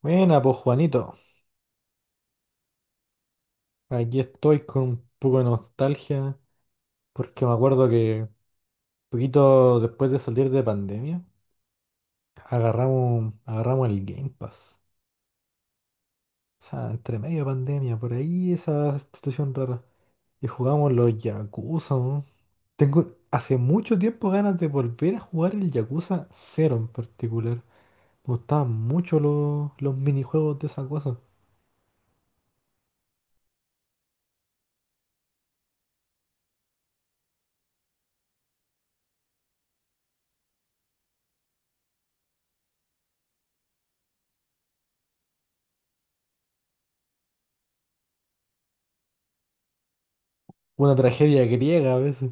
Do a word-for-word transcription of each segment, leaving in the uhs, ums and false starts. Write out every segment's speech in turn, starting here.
Buena, pues Juanito, aquí estoy con un poco de nostalgia porque me acuerdo que poquito después de salir de pandemia agarramos, agarramos el Game Pass. O sea, entre medio de pandemia, por ahí esa situación rara. Y jugamos los Yakuza, ¿no? Tengo hace mucho tiempo ganas de volver a jugar el Yakuza cero en particular. Me gustaban mucho los, los minijuegos de esa cosa. Una tragedia griega a veces.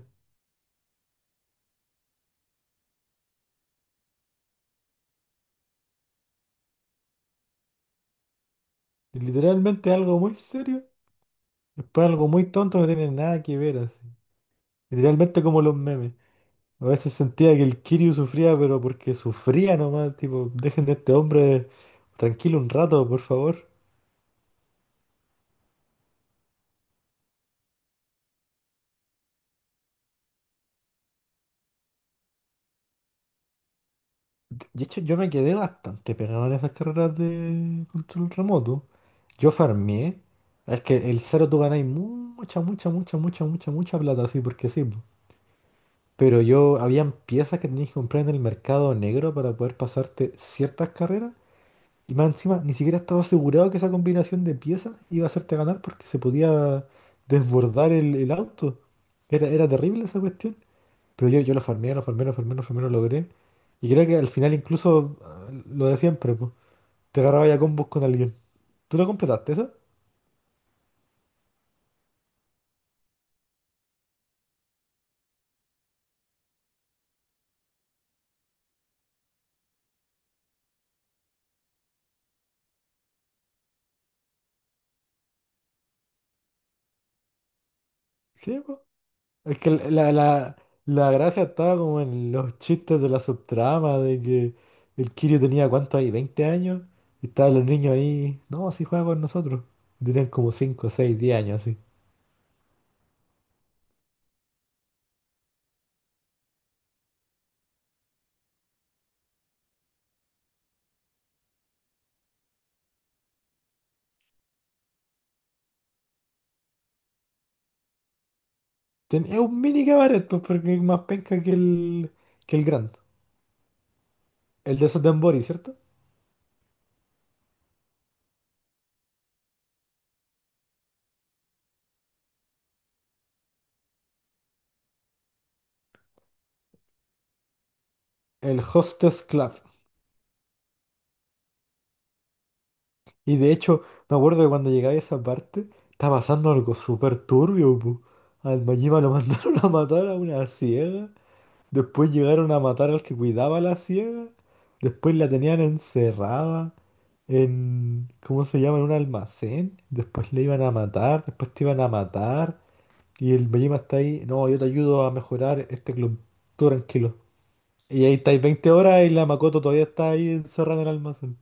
Literalmente algo muy serio. Después algo muy tonto, no tiene nada que ver así. Literalmente como los memes. A veces sentía que el Kiryu sufría, pero porque sufría nomás, tipo, dejen de este hombre tranquilo un rato, por favor. De de hecho, yo me quedé bastante pegado en esas carreras de control remoto. Yo farmeé. Es que el cero tú ganáis mucha, mucha, mucha, mucha, mucha, mucha plata, así porque sí. Po. Pero yo, habían piezas que tenías que comprar en el mercado negro para poder pasarte ciertas carreras. Y más encima, ni siquiera estaba asegurado que esa combinación de piezas iba a hacerte ganar porque se podía desbordar el, el auto. Era, era terrible esa cuestión. Pero yo, yo lo farmeé, lo farmeé, lo farmeé, lo farmeé, lo logré. Y creo que al final incluso ah, lo de siempre, pues, te agarraba ya combos con alguien. ¿Tú lo completaste esa? Sí, pues. Es que la, la, la gracia estaba como en los chistes de la subtrama, de que el Kirio tenía cuánto ahí, veinte años, y estaban los niños ahí, no, así juega con nosotros. Tenían como cinco seis diez años así. Ten- es un mini cabaret, pues, porque es más penca que el, que el Grand. El de Sotenbori, ¿cierto? El Hostess Club. Y de hecho, me acuerdo que cuando llegáis a esa parte, está pasando algo súper turbio, po. Al Majima lo mandaron a matar a una ciega. Después llegaron a matar al que cuidaba a la ciega. Después la tenían encerrada en, ¿cómo se llama? En un almacén. Después le iban a matar. Después te iban a matar. Y el Bellima está ahí. No, yo te ayudo a mejorar este club. Tú tranquilo. Y ahí estáis veinte horas y la Makoto todavía está ahí encerrada en el almacén.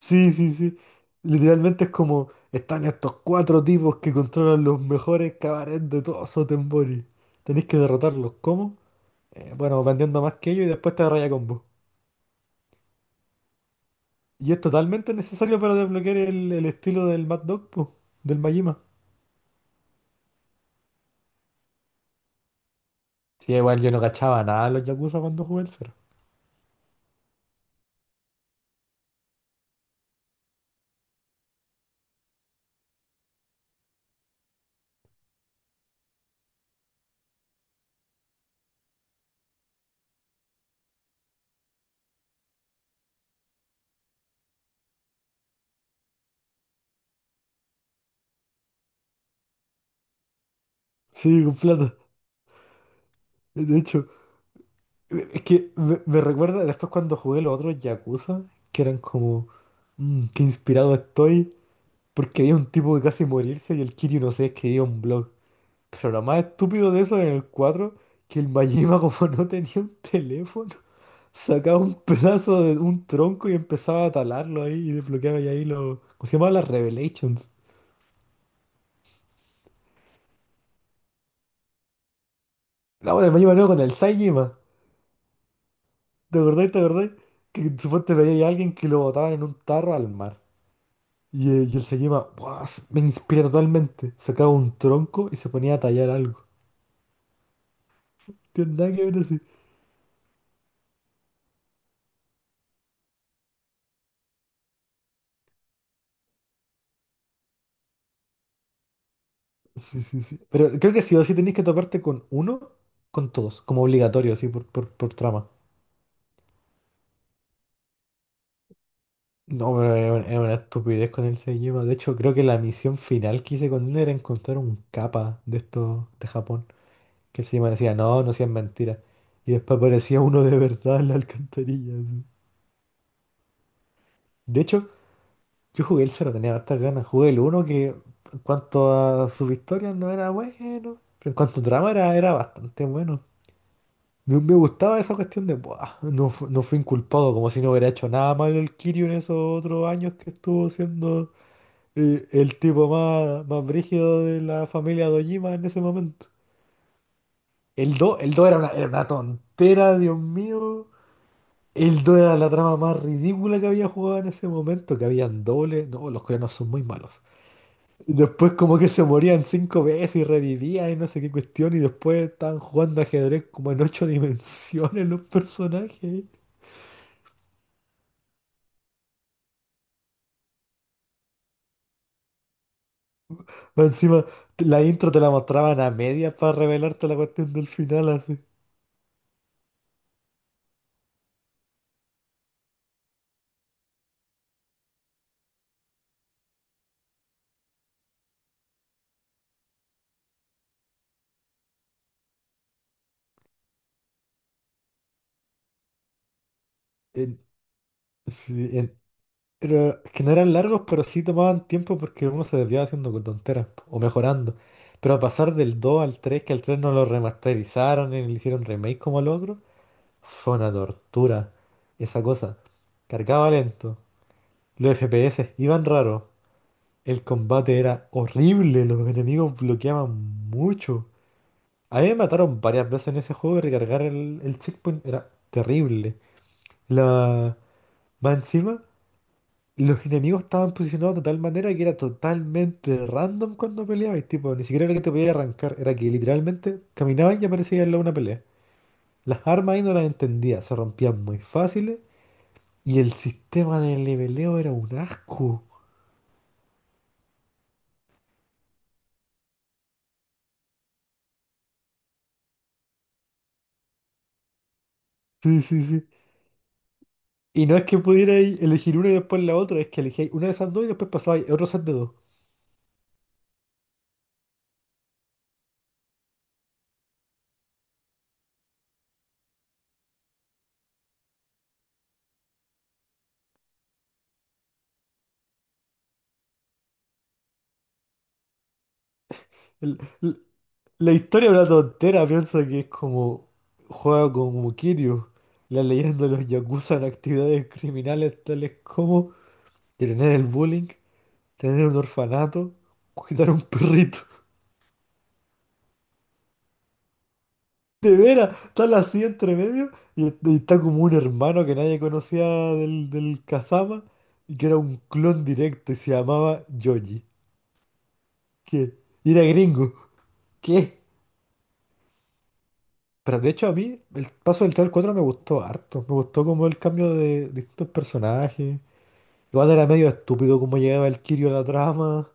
Sí, sí, sí. Literalmente es como, están estos cuatro tipos que controlan los mejores cabarets de todo Sotembori. Tenéis que derrotarlos. ¿Cómo? Eh, bueno, vendiendo más que ellos y después te agarráis a combo. Y es totalmente necesario para desbloquear el, el estilo del Mad Dog, po, del Majima. Sí, igual yo no cachaba nada de los Yakuza cuando jugué el cero. Sí, con plata. De hecho, es que me, me recuerda después cuando jugué los otros Yakuza, que eran como, "Mm, qué inspirado estoy", porque había un tipo que casi morirse y el Kiryu no sé, escribía un blog. Pero lo más estúpido de eso era en el cuatro, que el Majima como no tenía un teléfono, sacaba un pedazo de un tronco y empezaba a talarlo ahí y desbloqueaba y ahí lo. ¿Cómo se llamaba las Revelations? La bueno, me iba con el Saijima. ¿Te acordás? ¿Te acordás? Que supuestamente veía a alguien que lo botaban en un tarro al mar. Y, eh, y el Saijima, ¡buah! se- me inspira totalmente. Sacaba un tronco y se ponía a tallar algo. Tiene nada que ver así. Sí, sí, sí. Pero creo que sí o sí tenéis que toparte con uno, con todos, como obligatorio, así, por, por, por trama. No, pero es una, es una estupidez con el Seijima. De hecho, creo que la misión final que hice con él era encontrar un capa de estos de Japón. Que el Seijima decía, no, no seas mentira. Y después aparecía uno de verdad en la alcantarilla. Así. De hecho, yo jugué el cero, tenía hartas ganas. Jugué el uno que en cuanto a sus historias no era bueno. Pero en cuanto a trama era, era bastante bueno. Me, me gustaba esa cuestión de, "Buah, no, fu- no fue inculpado", como si no hubiera hecho nada malo el Kiryu en esos otros años que estuvo siendo eh, el tipo más, más brígido de la familia de en ese momento. El do, el do era una, era una tontera, Dios mío. El do era la trama más ridícula que había jugado en ese momento, que habían dobles. No, los coreanos son muy malos. Y después como que se morían cinco veces y revivían y no sé qué cuestión y después estaban jugando ajedrez como en ocho dimensiones los personajes. Más encima, la intro te la mostraban a medias para revelarte la cuestión del final así. En- sí, en- Pero que no eran largos, pero sí tomaban tiempo porque uno se desviaba haciendo con tonteras po, o mejorando. Pero a pasar del dos al tres, que al tres no lo remasterizaron y le hicieron remake como al otro, fue una tortura. Esa cosa. Cargaba lento. Los F P S iban raros. El combate era horrible. Los enemigos bloqueaban mucho. A mí me mataron varias veces en ese juego y recargar el, el checkpoint era terrible. La... Más encima. Los enemigos estaban posicionados de tal manera que era totalmente random cuando peleabas, tipo, ni siquiera era que te podías arrancar, era que literalmente caminaban y aparecía al lado una pelea. Las armas ahí no las entendía, se rompían muy fáciles y el sistema de leveleo era un asco. Sí, sí, sí. Y no es que pudierais elegir una y después la otra, es que elegíais una de esas dos y después pasabais a otro set de dos. La historia es una tontera, piensa que es como juega como Kiryu, la leyenda de los yakuza en actividades criminales tales como detener el bullying, tener un orfanato, cuidar a un perrito. De veras, está la así entre medio y, y está como un hermano que nadie conocía del, del Kazama y que era un clon directo y se llamaba Yoji. ¿Qué? Y era gringo. ¿Qué? Pero de hecho a mí el paso del tres al cuatro me gustó harto. Me gustó como el cambio de distintos personajes. Igual era medio estúpido como llegaba el Kirio a la trama.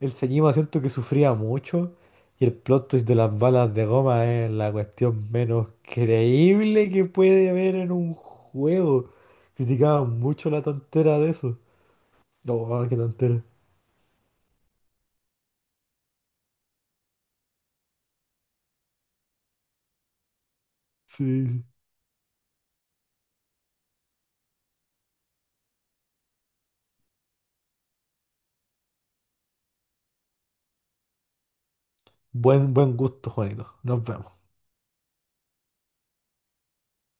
El Señima siento que sufría mucho. Y el plot twist de las balas de goma es la cuestión menos creíble que puede haber en un juego. Criticaban mucho la tontera de eso. No, ah, qué tontera. Sí, sí. Buen, buen gusto, Juanito. Nos vemos.